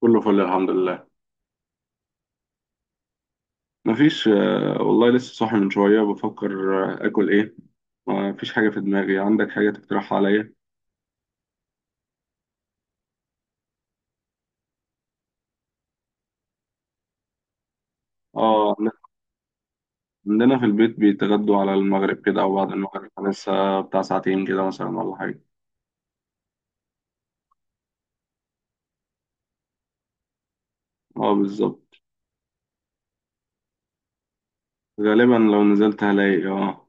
كله فل، الحمد لله. مفيش. والله لسه صاحي من شوية بفكر. آكل إيه؟ مفيش حاجة في دماغي. عندك حاجة تقترحها عليا؟ آه عند- عندنا في البيت بيتغدوا على المغرب كده أو بعد المغرب، لسه بتاع ساعتين كده مثلا ولا حاجة. آه، بالظبط. غالبا لو نزلت هلاقي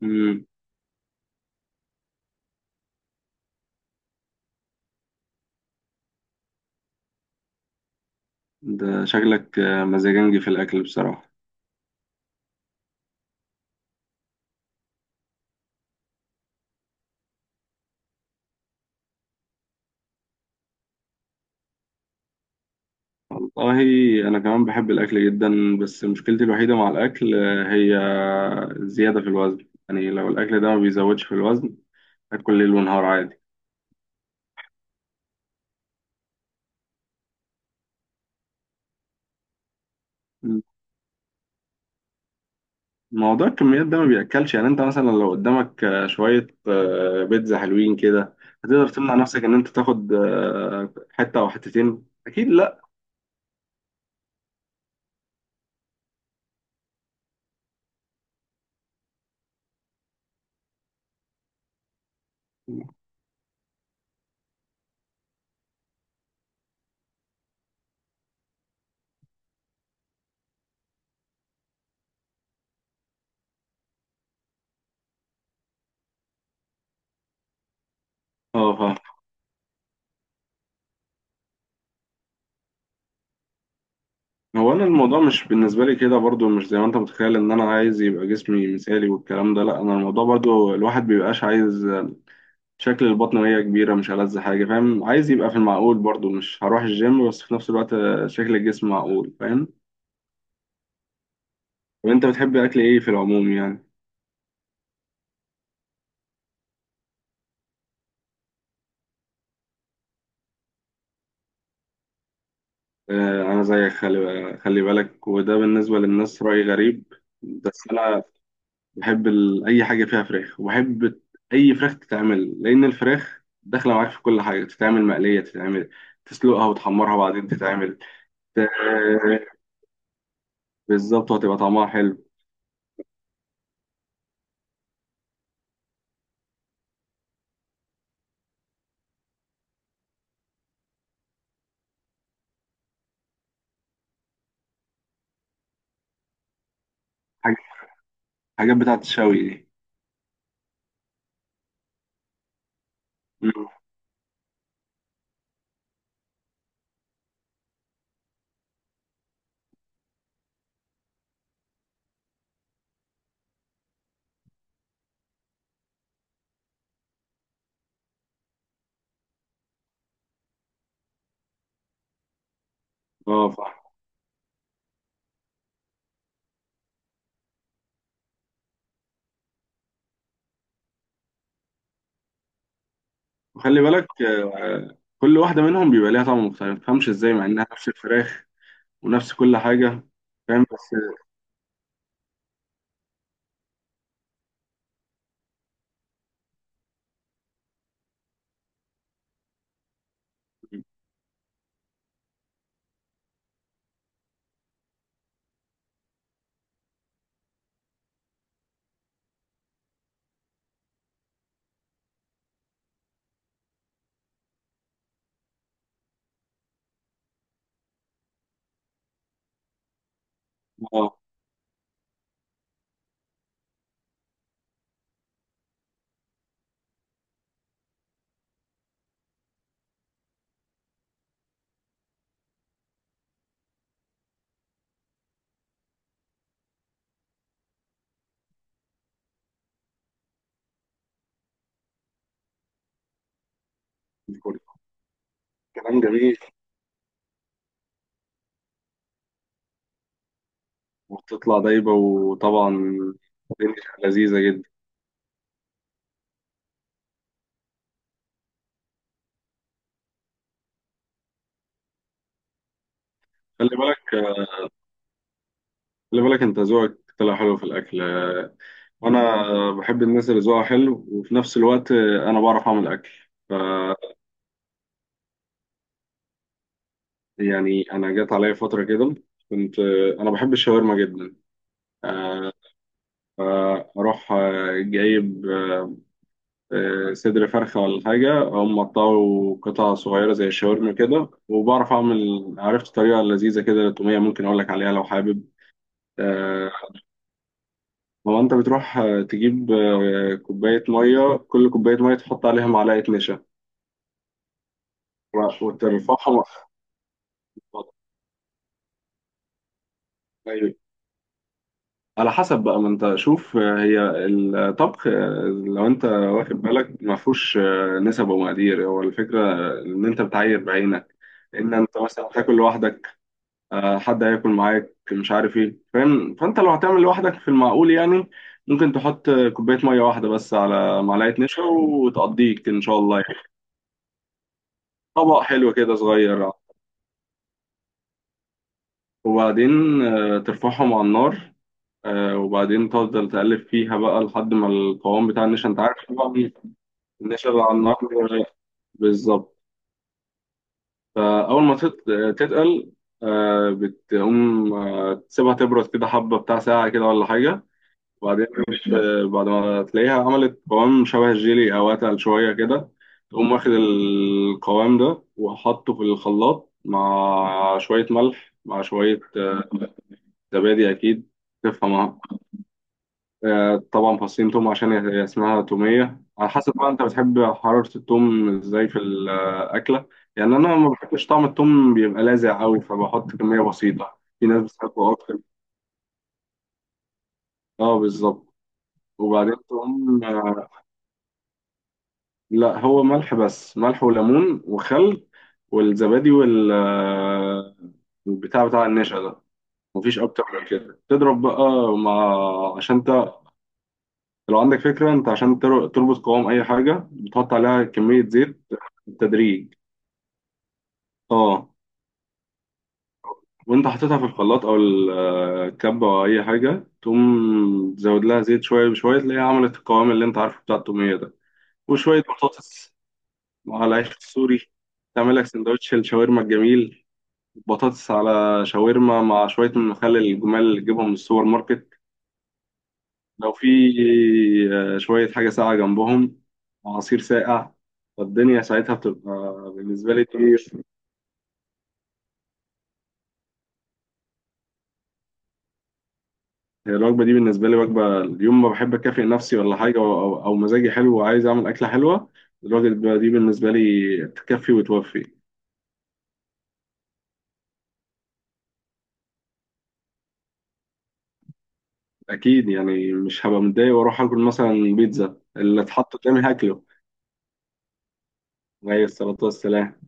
مم. ده شكلك مزاجنجي في الأكل بصراحة. والله أنا كمان بحب الأكل جدا، بس مشكلتي الوحيدة مع الأكل هي الزيادة في الوزن. يعني لو الأكل ده ما بيزودش في الوزن، اكل ليل ونهار عادي. موضوع الكميات ده ما بياكلش. يعني انت مثلا لو قدامك شويه بيتزا حلوين كده، هتقدر تمنع نفسك ان انت تاخد حته او حتتين؟ اكيد لا. اه، فاهم. هو انا الموضوع مش بالنسبه لي كده، برضو مش زي ما انت متخيل ان انا عايز يبقى جسمي مثالي والكلام ده، لا. انا الموضوع برضو الواحد بيبقاش عايز شكل البطن وهي كبيره، مش ألذ حاجه، فاهم؟ عايز يبقى في المعقول برضو، مش هروح الجيم، بس في نفس الوقت شكل الجسم معقول، فاهم؟ طب انت بتحب اكل ايه في العموم يعني؟ أنا زيك، خلي بالك، وده بالنسبة للناس رأي غريب. بس أنا بحب أي حاجة فيها فراخ، وبحب أي فراخ تتعمل، لأن الفراخ داخلة معاك في كل حاجة. تتعمل مقلية، تتعمل تسلقها وتحمرها وبعدين تتعمل ت... بالظبط، وهتبقى طعمها حلو. حاجة- الحاجات بتاعت الشوي دي. مم. اه، صح. وخلي بالك كل واحدة منهم بيبقى ليها طعم مختلف، ما تفهمش ازاي مع إنها نفس الفراخ ونفس كل حاجة. فاهم؟ بس اه، كلام جميل. وبتطلع دايبة، وطبعا الدنيا لذيذة جدا. خلي بالك خلي بالك، انت ذوقك طلع حلو في الأكل، وأنا بحب الناس اللي ذوقها حلو، وفي نفس الوقت أنا بعرف أعمل أكل. ف، يعني أنا جات عليا فترة كده كنت أنا بحب الشاورما جدا. آه، فأروح جايب صدر فرخة ولا حاجة، أقوم مقطعه قطع صغيرة زي الشاورما كده. وبعرف أعمل، عرفت طريقة لذيذة كده للتومية، ممكن أقول لك عليها لو حابب. آه، هو انت بتروح تجيب كوباية مية، كل كوباية مية تحط عليها معلقة نشا وترفعها. م- أيوة. على حسب بقى، ما انت شوف، هي الطبخ لو انت واخد بالك ما فيهوش نسب ومقادير، هو الفكرة ان انت بتعاير بعينك. ان انت مثلا هتاكل لوحدك، حد هياكل معاك، مش عارف ايه، فاهم؟ فانت لو هتعمل لوحدك في المعقول يعني، ممكن تحط كوباية مية واحدة بس على معلقة نشا، وتقضيك ان شاء الله يعني. طبق حلو كده صغير، آه. وبعدين ترفعهم على النار وبعدين تفضل تقلب فيها بقى لحد ما القوام بتاع النشا، انت عارف طبعا النشا اللي على النار، آه، بالظبط. فأول ما تتقل، بتقوم تسيبها تبرد كده حبة، بتاع ساعة كده ولا حاجة. وبعدين بعد ما تلاقيها عملت قوام شبه الجيلي أو أتقل شوية كده، تقوم واخد القوام ده وحطه في الخلاط، مع شوية ملح، مع شوية زبادي اكيد، تفهمها. طبعا فصين توم، عشان هي اسمها توميه. على حسب بقى انت بتحب حراره التوم ازاي في الاكله. يعني انا ما بحبش طعم التوم بيبقى لاذع قوي، فبحط كميه بسيطه، في ناس بتحبه اكتر. اه، بالظبط. وبعدين توم، لا، هو ملح بس، ملح وليمون وخل والزبادي وال البتاع بتاع النشا ده، مفيش اكتر من كده، تضرب بقى مع، عشان لو عندك فكرة انت، عشان تربط قوام اي حاجة بتحط عليها كمية زيت بالتدريج. اه. وانت حطيتها في الخلاط او الكبة او اي حاجة، تقوم تزود لها زيت شوية بشوية، تلاقيها عملت القوام اللي انت عارفه بتاع التومية ده. وشوية بطاطس على عيش سوري، تعمل لك سندوتش الشاورما الجميل. بطاطس على شاورما مع شوية من المخلل الجمال اللي تجيبهم من السوبر ماركت. لو في شوية حاجة ساقعة جنبهم، عصير ساقع، فالدنيا ساعتها بتبقى بالنسبة لي دي. هي الوجبة دي بالنسبة لي وجبة اليوم، ما بحب أكافئ نفسي ولا حاجة، أو مزاجي حلو وعايز أعمل أكلة حلوة، الوجبة دي بالنسبة لي تكفي وتوفي. أكيد يعني، مش هبقى متضايق وأروح آكل مثلا بيتزا، اللي اتحط قدامي هاكله. عليه الصلاة والسلام.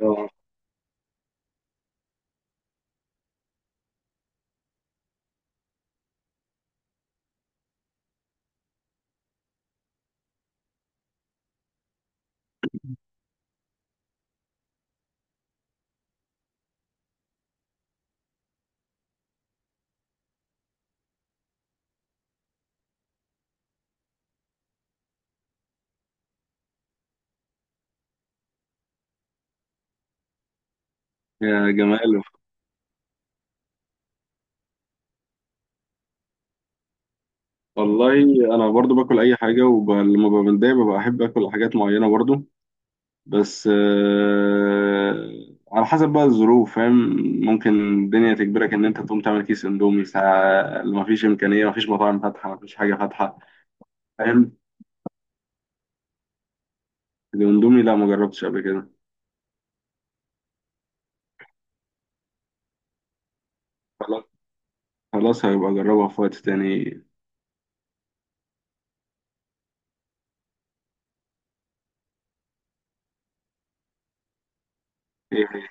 آه، يا جماله. والله أنا برضو باكل أي حاجة، ولما ببقى متضايق ببقى أحب آكل حاجات معينة برضو، بس على حسب بقى الظروف، فاهم؟ ممكن الدنيا تجبرك ان انت تقوم تعمل كيس اندومي، ساعة اللي مفيش امكانية، مفيش مطاعم فاتحة، مفيش حاجة فاتحة، فاهم؟ الاندومي، لا، ما جربتش قبل كده. خلاص، خلاص، هيبقى اجربها في وقت تاني. ايه هي؟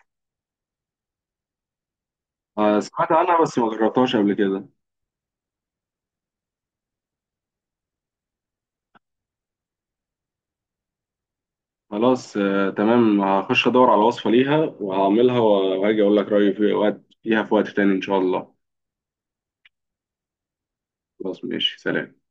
سمعت عنها بس ما جربتهاش قبل كده. خلاص تمام، هخش ادور على وصفة ليها وهعملها وهاجي اقول لك رأيي في وقت تاني، ان شاء الله. خلاص، ماشي، سلام.